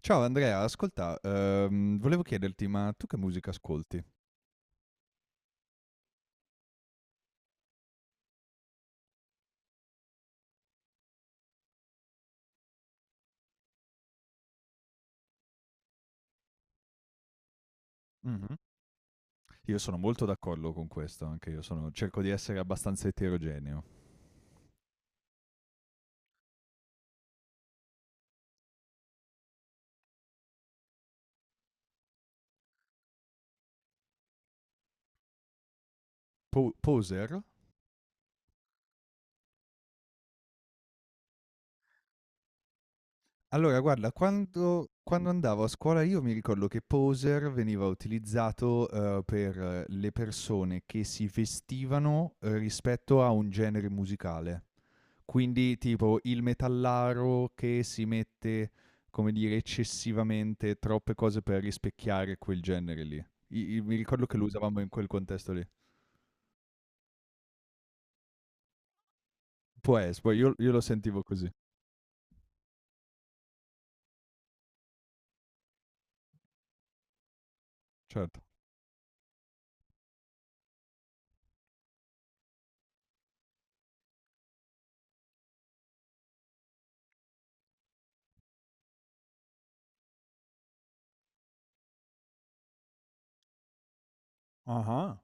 Ciao Andrea, ascolta, volevo chiederti, ma tu che musica ascolti? Mh-mh. Io sono molto d'accordo con questo, anche io sono cerco di essere abbastanza eterogeneo. Po Poser? Allora guarda, quando andavo a scuola io mi ricordo che Poser veniva utilizzato, per le persone che si vestivano rispetto a un genere musicale. Quindi tipo il metallaro che si mette, come dire, eccessivamente troppe cose per rispecchiare quel genere lì. Mi ricordo che lo usavamo in quel contesto lì. Può essere, poi io lo sentivo così, certo. Ah ah.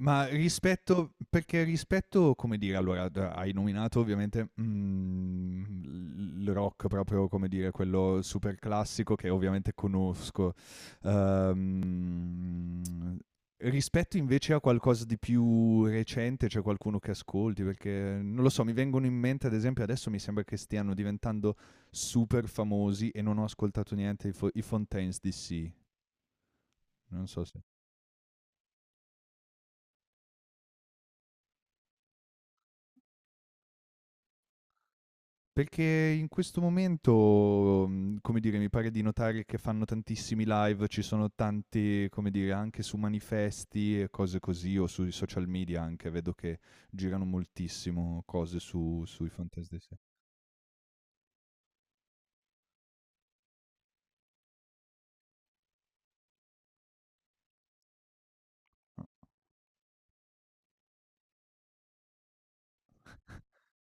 Ma rispetto, perché rispetto, come dire, allora d hai nominato ovviamente, mhmm, il rock proprio, come dire, quello super classico che ovviamente conosco. Uhm, rispetto invece a qualcosa di più recente, c'è qualcuno che ascolti? Perché, non lo so, mi vengono in mente ad esempio adesso mi sembra che stiano diventando super famosi e non ho ascoltato niente, i Fontaines D.C. Non so se. Perché in questo momento, mhmm, come dire, mi pare di notare che fanno tantissimi live, ci sono tanti, come dire, anche su manifesti e cose così, o sui social media anche, vedo che girano moltissimo cose su sui fantasy se ah.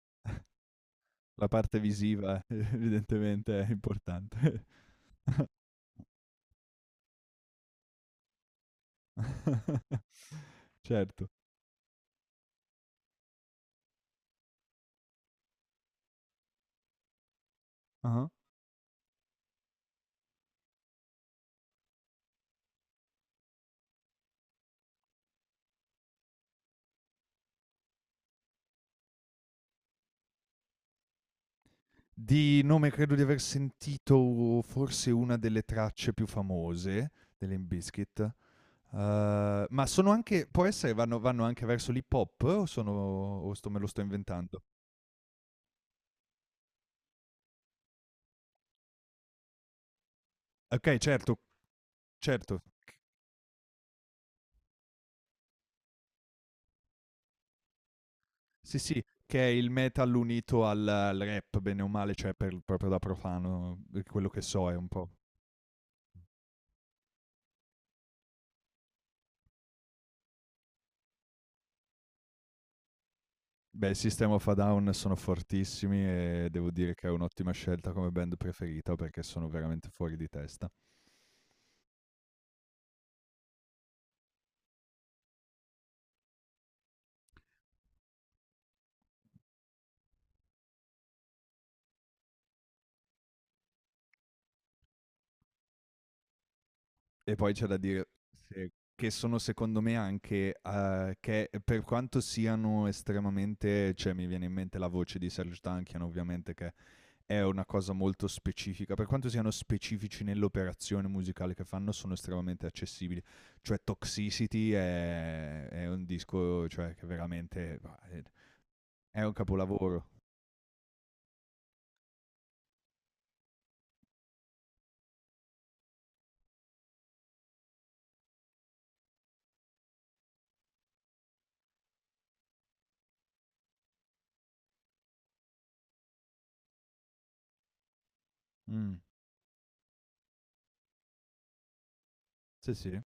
La parte visiva evidentemente è importante. Certo. Ah-ah. Di nome credo di aver sentito forse una delle tracce più famose dell'Limp Bizkit. Ma sono anche, può essere, vanno anche verso l'hip hop o sono, o sto me lo sto inventando? Okay, certo, certo. C Sì, sì, che è il metal unito al rap, bene o male, cioè per proprio da profano, per quello che so è un po'. Beh, i System of a Down sono fortissimi e devo dire che è un'ottima scelta come band preferita, perché sono veramente fuori di testa. E poi c'è da dire se che sono secondo me anche, che per quanto siano estremamente, cioè mi viene in mente la voce di Serge Tankian ovviamente, che è una cosa molto specifica, per quanto siano specifici nell'operazione musicale che fanno sono estremamente accessibili, cioè Toxicity è un disco, cioè, che veramente va, è un capolavoro. Mm, sì sì.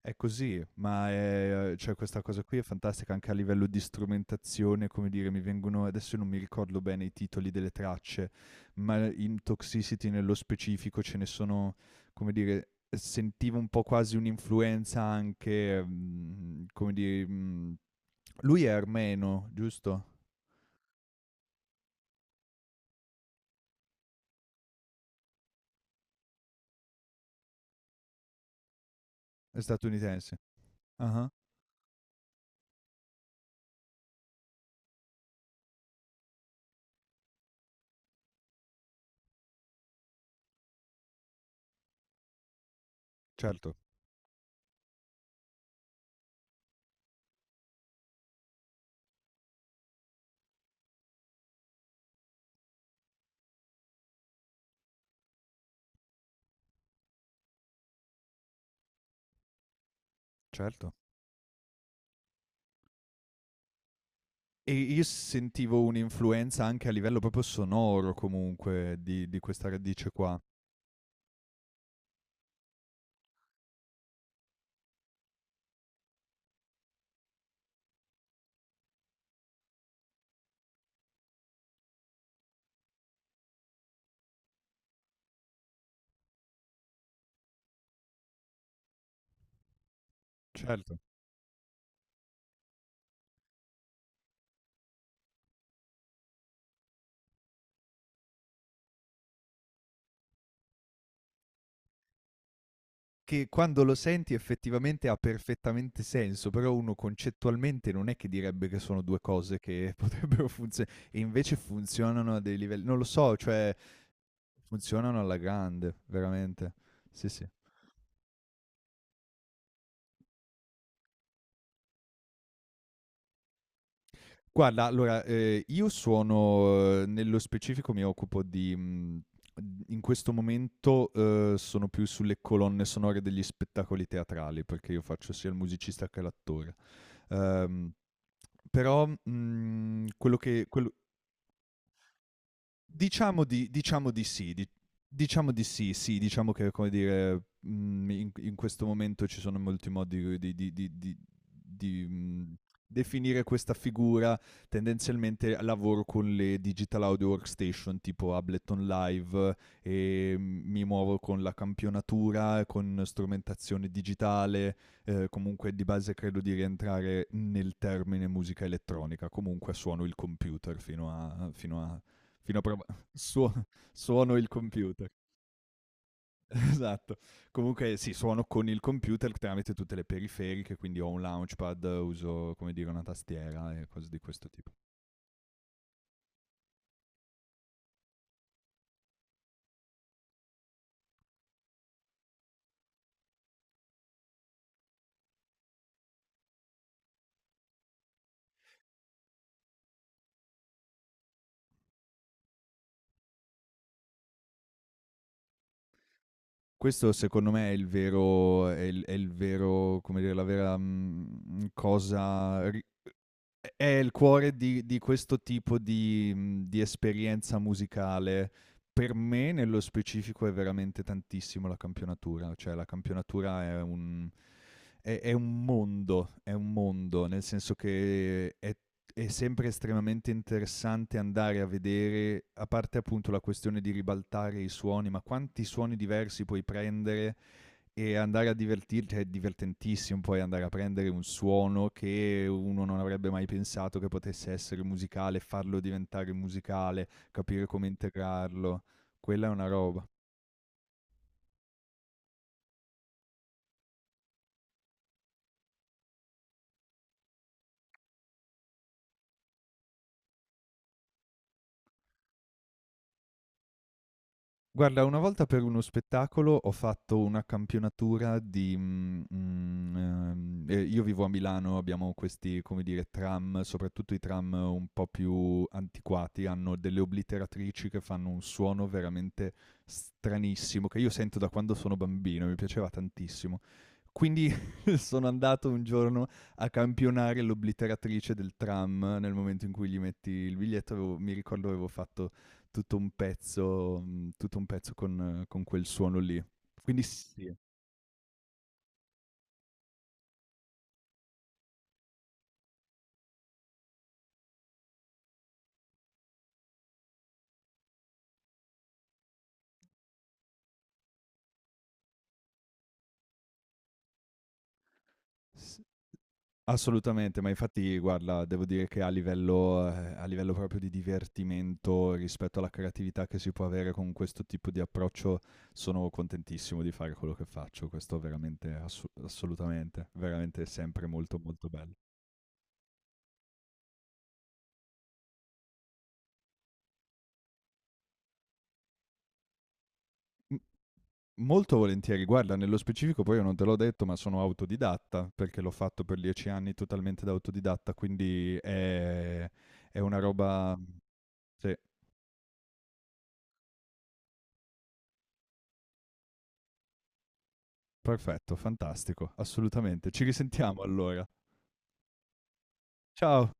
È così, ma è, cioè questa cosa qui è fantastica anche a livello di strumentazione, come dire, mi vengono adesso, non mi ricordo bene i titoli delle tracce, ma in Toxicity nello specifico ce ne sono, come dire, sentivo un po' quasi un'influenza anche, mhmm, come dire, mhmm, lui è armeno, giusto? È statunitense. Ah-ah, certo, certo. E io sentivo un'influenza anche a livello proprio sonoro comunque di questa radice qua. Certo. Che quando lo senti effettivamente ha perfettamente senso, però uno concettualmente non è che direbbe che sono 2 cose che potrebbero funzio e invece funzionano a dei livelli, non lo so, cioè funzionano alla grande, veramente. Sì, sì. Guarda, allora, io suono, nello specifico mi occupo di mhmm, in questo momento, sono più sulle colonne sonore degli spettacoli teatrali, perché io faccio sia il musicista che l'attore. Ehm, però, mhmm, quello diciamo diciamo di sì, diciamo di sì, sì, diciamo che, come dire, mm, in questo momento ci sono molti modi di mm, definire questa figura. Tendenzialmente lavoro con le digital audio workstation tipo Ableton Live e mm, mi muovo con la campionatura, con strumentazione digitale, comunque di base credo di rientrare nel termine musica elettronica, comunque suono il computer fino a. Fino a prova suo suono il computer. Esatto. Comunque sì, suono con il computer tramite tutte le periferiche, quindi ho un launchpad, uso, come dire, una tastiera e cose di questo tipo. Questo secondo me è il vero, come dire, la vera, mhmm, cosa ri è il cuore di questo tipo di, mhmm, di esperienza musicale. Per me, nello specifico, è veramente tantissimo la campionatura, cioè la campionatura è un mondo, nel senso che è sempre estremamente interessante andare a vedere, a parte appunto la questione di ribaltare i suoni, ma quanti suoni diversi puoi prendere e andare a divertirti, è divertentissimo poi andare a prendere un suono che uno non avrebbe mai pensato che potesse essere musicale, farlo diventare musicale, capire come integrarlo. Quella è una roba. Guarda, una volta per uno spettacolo ho fatto una campionatura di io vivo a Milano, abbiamo questi, come dire, tram, soprattutto i tram un po' più antiquati, hanno delle obliteratrici che fanno un suono veramente stranissimo, che io sento da quando sono bambino, mi piaceva tantissimo. Quindi sono andato un giorno a campionare l'obliteratrice del tram nel momento in cui gli metti il biglietto, avevo mi ricordo avevo fatto tutto un pezzo, mhmm, tutto un pezzo con quel suono lì. Quindi sì, s assolutamente, ma infatti guarda, devo dire che a livello, a livello proprio di divertimento rispetto alla creatività che si può avere con questo tipo di approccio, sono contentissimo di fare quello che faccio. Questo veramente assu assolutamente, veramente sempre molto, molto bello. Molto volentieri, guarda, nello specifico poi io non te l'ho detto, ma sono autodidatta, perché l'ho fatto per 10 anni totalmente da autodidatta, quindi è una roba sì, perfetto, fantastico, assolutamente. Ci risentiamo allora. Ciao.